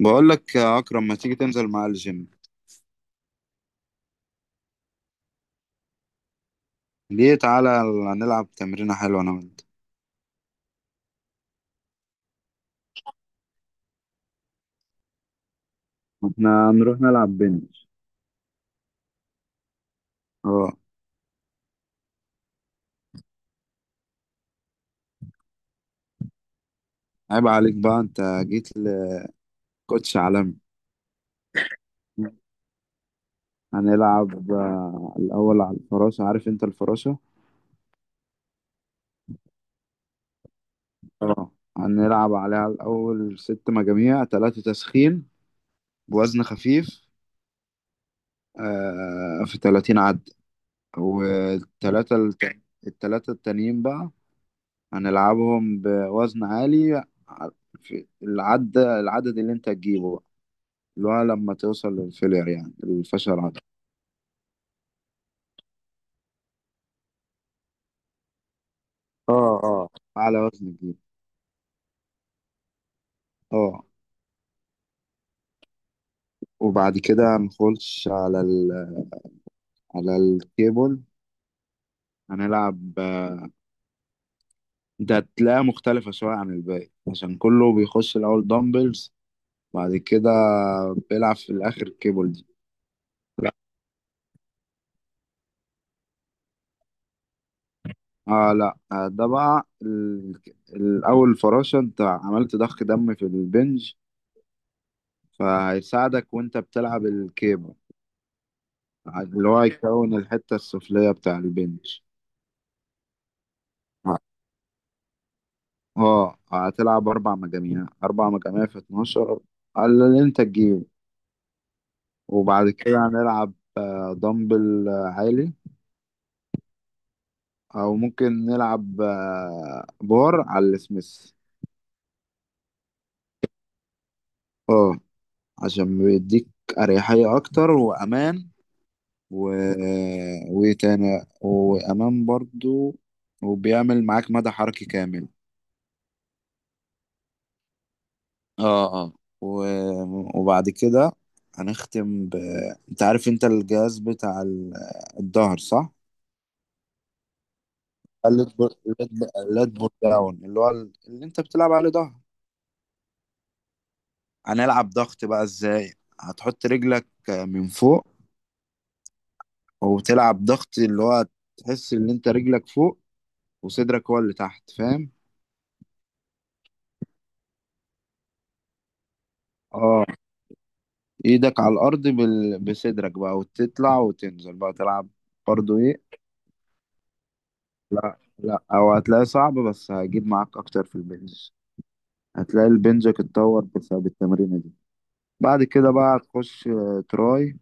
بقول لك يا أكرم ما تيجي تنزل معايا الجيم؟ ليه تعالى نلعب تمرينة حلوة أنا وأنت. احنا هنروح نلعب بنش. أه، عيب عليك بقى أنت جيت لكوتش عالمي. هنلعب الأول على الفراشة، عارف أنت الفراشة؟ أه، هنلعب عليها الأول ست مجاميع، تلاتة تسخين بوزن خفيف في 30 عد، والتلاتة الت- التلاتة التانيين بقى هنلعبهم بوزن عالي، ع- في العد، العدد اللي انت تجيبه بقى، اللي هو لما توصل للفيلير يعني الفشل العضلي. اه اه، أعلى وزن تجيبه. اه. وبعد كده هنخش على على الكيبل هنلعب، ده هتلاقيها مختلفة شوية عن الباقي عشان كله بيخش الأول دمبلز، بعد كده بيلعب في الآخر الكيبل دي. لا، اه لا، ده بقى الأول فراشة، انت عملت ضخ دم في البنج فهيساعدك وانت بتلعب الكيبل، اللي هو هيكون الحتة السفلية بتاع البنش. اه، هتلعب أربع مجاميع، أربع مجاميع في 12، على اللي انت تجيبه. وبعد كده هنلعب دمبل عالي، أو ممكن نلعب بار على السميث. اه، عشان بيديك أريحية أكتر وأمان، و... وإيه تاني، وأمان برضو، وبيعمل معاك مدى حركي كامل. اه اه. وبعد كده هنختم ب، انت عارف انت الجهاز بتاع الظهر، صح؟ اللات بول، اللات بول داون، اللي هو اللي انت بتلعب عليه ظهر. هنلعب ضغط بقى ازاي؟ هتحط رجلك من فوق وتلعب ضغط، اللي هو تحس ان انت رجلك فوق وصدرك هو اللي تحت، فاهم؟ اه، ايدك على الارض بصدرك بقى، وتطلع وتنزل بقى تلعب برضه. لا لا، او هتلاقي صعب بس هجيب معاك اكتر في البنج، هتلاقي البنج اتطور بسبب التمرينه دي. بعد كده بقى تخش تراي،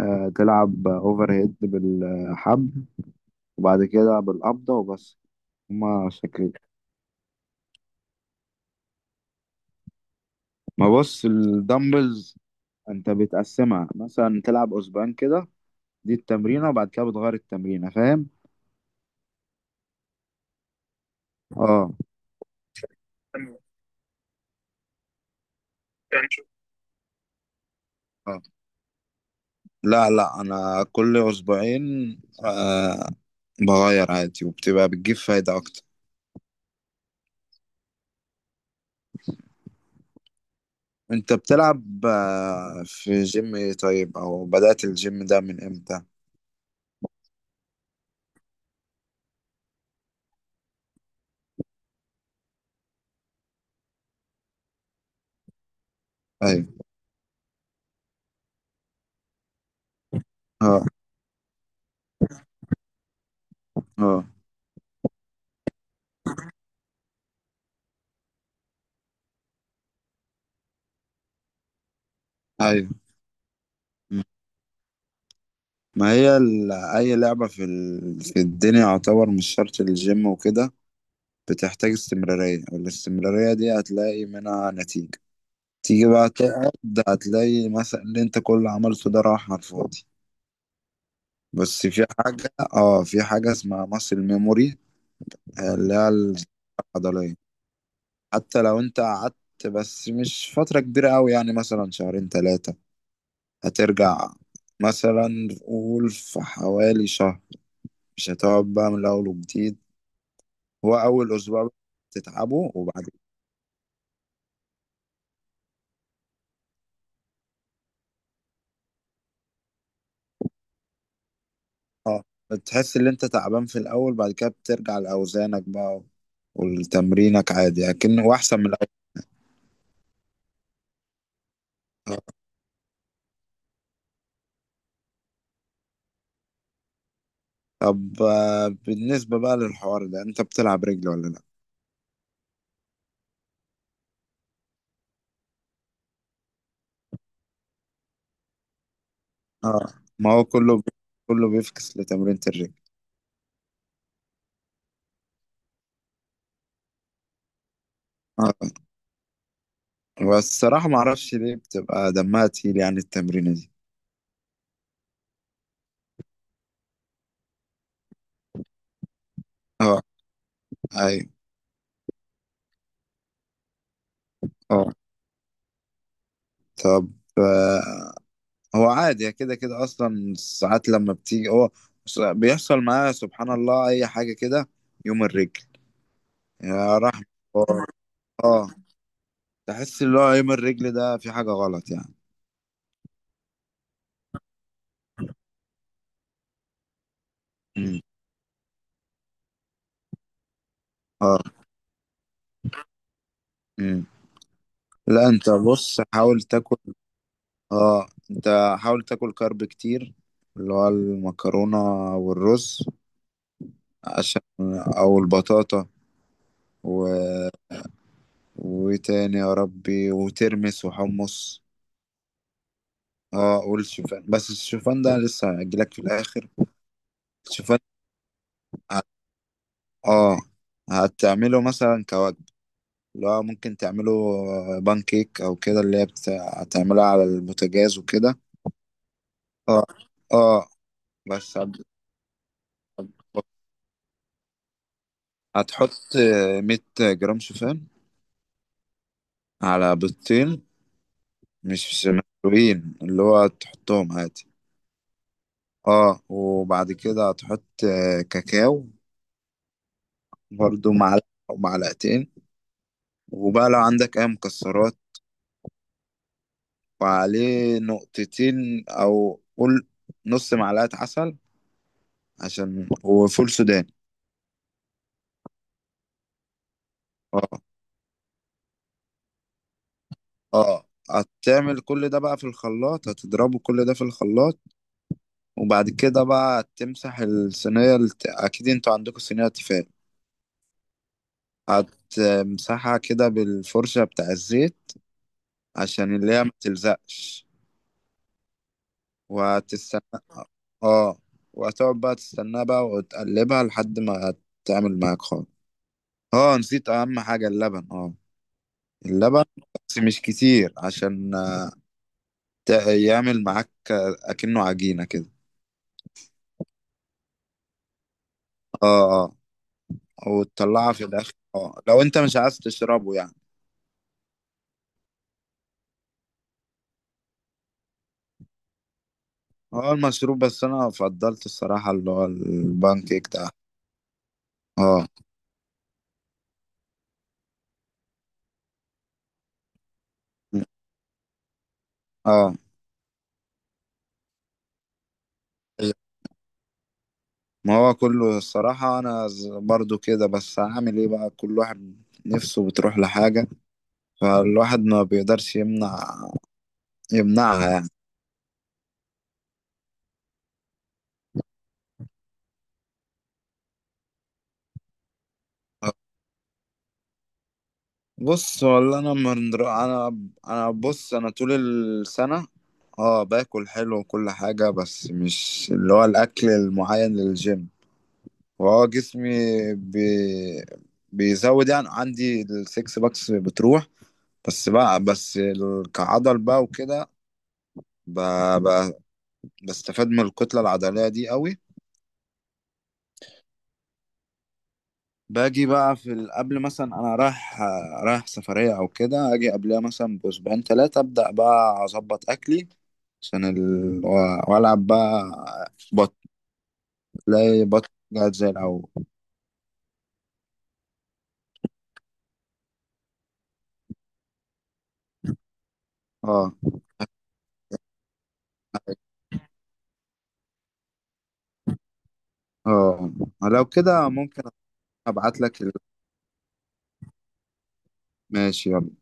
تلعب اوفر هيد بالحبل، وبعد كده بالقبضه وبس، هما شكلين. ما بص الدمبلز، انت بتقسمها مثلا تلعب اسبوعين كده دي التمرينه، وبعد كده بتغير التمرينه، فاهم؟ اه. اه لا لا انا كل اسبوعين آه بغير عادي، وبتبقى بتجيب فايدة اكتر. انت بتلعب آه في جيم ايه؟ طيب، او بدأت الجيم ده من امتى؟ ايوه. اه اه. ايوه. م. ما هي اي لعبة في في الدنيا، يعتبر مش شرط الجيم وكده، بتحتاج استمرارية، والاستمرارية دي هتلاقي منها نتيجة. تيجي بقى تقعد، هتلاقي مثلا اللي انت كل اللي عملته ده راح على الفاضي. بس في حاجة، في حاجة اسمها ماسل ميموري، اللي هي الذاكرة العضلية. حتى لو انت قعدت، بس مش فترة كبيرة أوي يعني، مثلا شهرين تلاتة، هترجع مثلا، قول في حوالي شهر، مش هتقعد بقى من الأول وجديد. هو أول أسبوع بتتعبه، وبعد كده اه، بتحس إن أنت تعبان في الأول، بعد كده بترجع لأوزانك بقى والتمرينك عادي، لكن وأحسن من الأول. طب بالنسبة بقى للحوار ده، أنت بتلعب رجل ولا لأ؟ اه، ما هو كله بيفكس لتمرينة الرجل. اه، بس الصراحة ما اعرفش ليه بتبقى دمها تقيل يعني التمرينة دي. اه. ايوه. اه. طب آه. هو عادي كده كده اصلا ساعات لما بتيجي هو، بيحصل معايا سبحان الله اي حاجة كده يوم الرجل، يا رحمة. اه آه. تحس اللي هو يوم الرجل ده في حاجة غلط يعني. مم. اه. مم. لا انت بص حاول تاكل. اه، انت حاول تاكل كارب كتير، اللي هو المكرونة والرز، عشان، او البطاطا، و... وتاني يا ربي، وترمس وحمص. اه والشوفان، بس الشوفان ده لسه هجيلك في الاخر. الشوفان، ه- اه، هتعمله مثلا كوجبة، اللي هو ممكن تعمله بان كيك او كده، اللي هي هتعملها على البوتاجاز وكده. اه اه، بس هت- هتحط 100 جرام شوفان على بيضتين، مش مسلوقين اللي هو، تحطهم عادي. اه، وبعد كده هتحط كاكاو برضو، معلقة أو معلقتين. وبقى لو عندك أي مكسرات، وعليه نقطتين، أو قول نص معلقة عسل، عشان، وفول سوداني. اه اه، هتعمل كل ده بقى في الخلاط، هتضربه كل ده في الخلاط. وبعد كده بقى تمسح الصينية أكيد انتوا عندكم صينية تيفال، هتمسحها كده بالفرشة بتاع الزيت، عشان اللي هي ما تلزقش. وهتستنى، اه، وهتقعد بقى تستناها بقى وتقلبها لحد ما تعمل معاك خالص. اه، نسيت اهم حاجة، اللبن. اه، اللبن، بس مش كتير عشان يعمل معاك اكنه عجينة كده. اه اه، وتطلعها في الاخر اه، لو انت مش عايز تشربه يعني. اه، المشروب، بس انا فضلت الصراحة اللي هو البان كيك ده. اه. اه، ما هو كله الصراحة أنا برضو كده، بس هعمل إيه بقى؟ كل واحد نفسه بتروح لحاجة، فالواحد ما بيقدرش يمنع، يمنعها يعني. بص والله أنا أنا، أنا بص، أنا طول السنة اه باكل حلو وكل حاجة، بس مش اللي هو الأكل المعين للجيم، وهو جسمي بي... بيزود، يعني عندي السكس باكس بتروح، بس بقى، بس كعضل بقى وكده بقى بستفاد من الكتلة العضلية دي قوي. باجي بقى في قبل مثلا انا رايح، سفرية او كده، اجي قبلها مثلا باسبوعين ثلاثة، ابدأ بقى اظبط اكلي عشان والعب بقى، بط، تلاقي بط جات زي الاول. اه اه، لو كده ممكن، ابعت لك ال... ماشي يلا.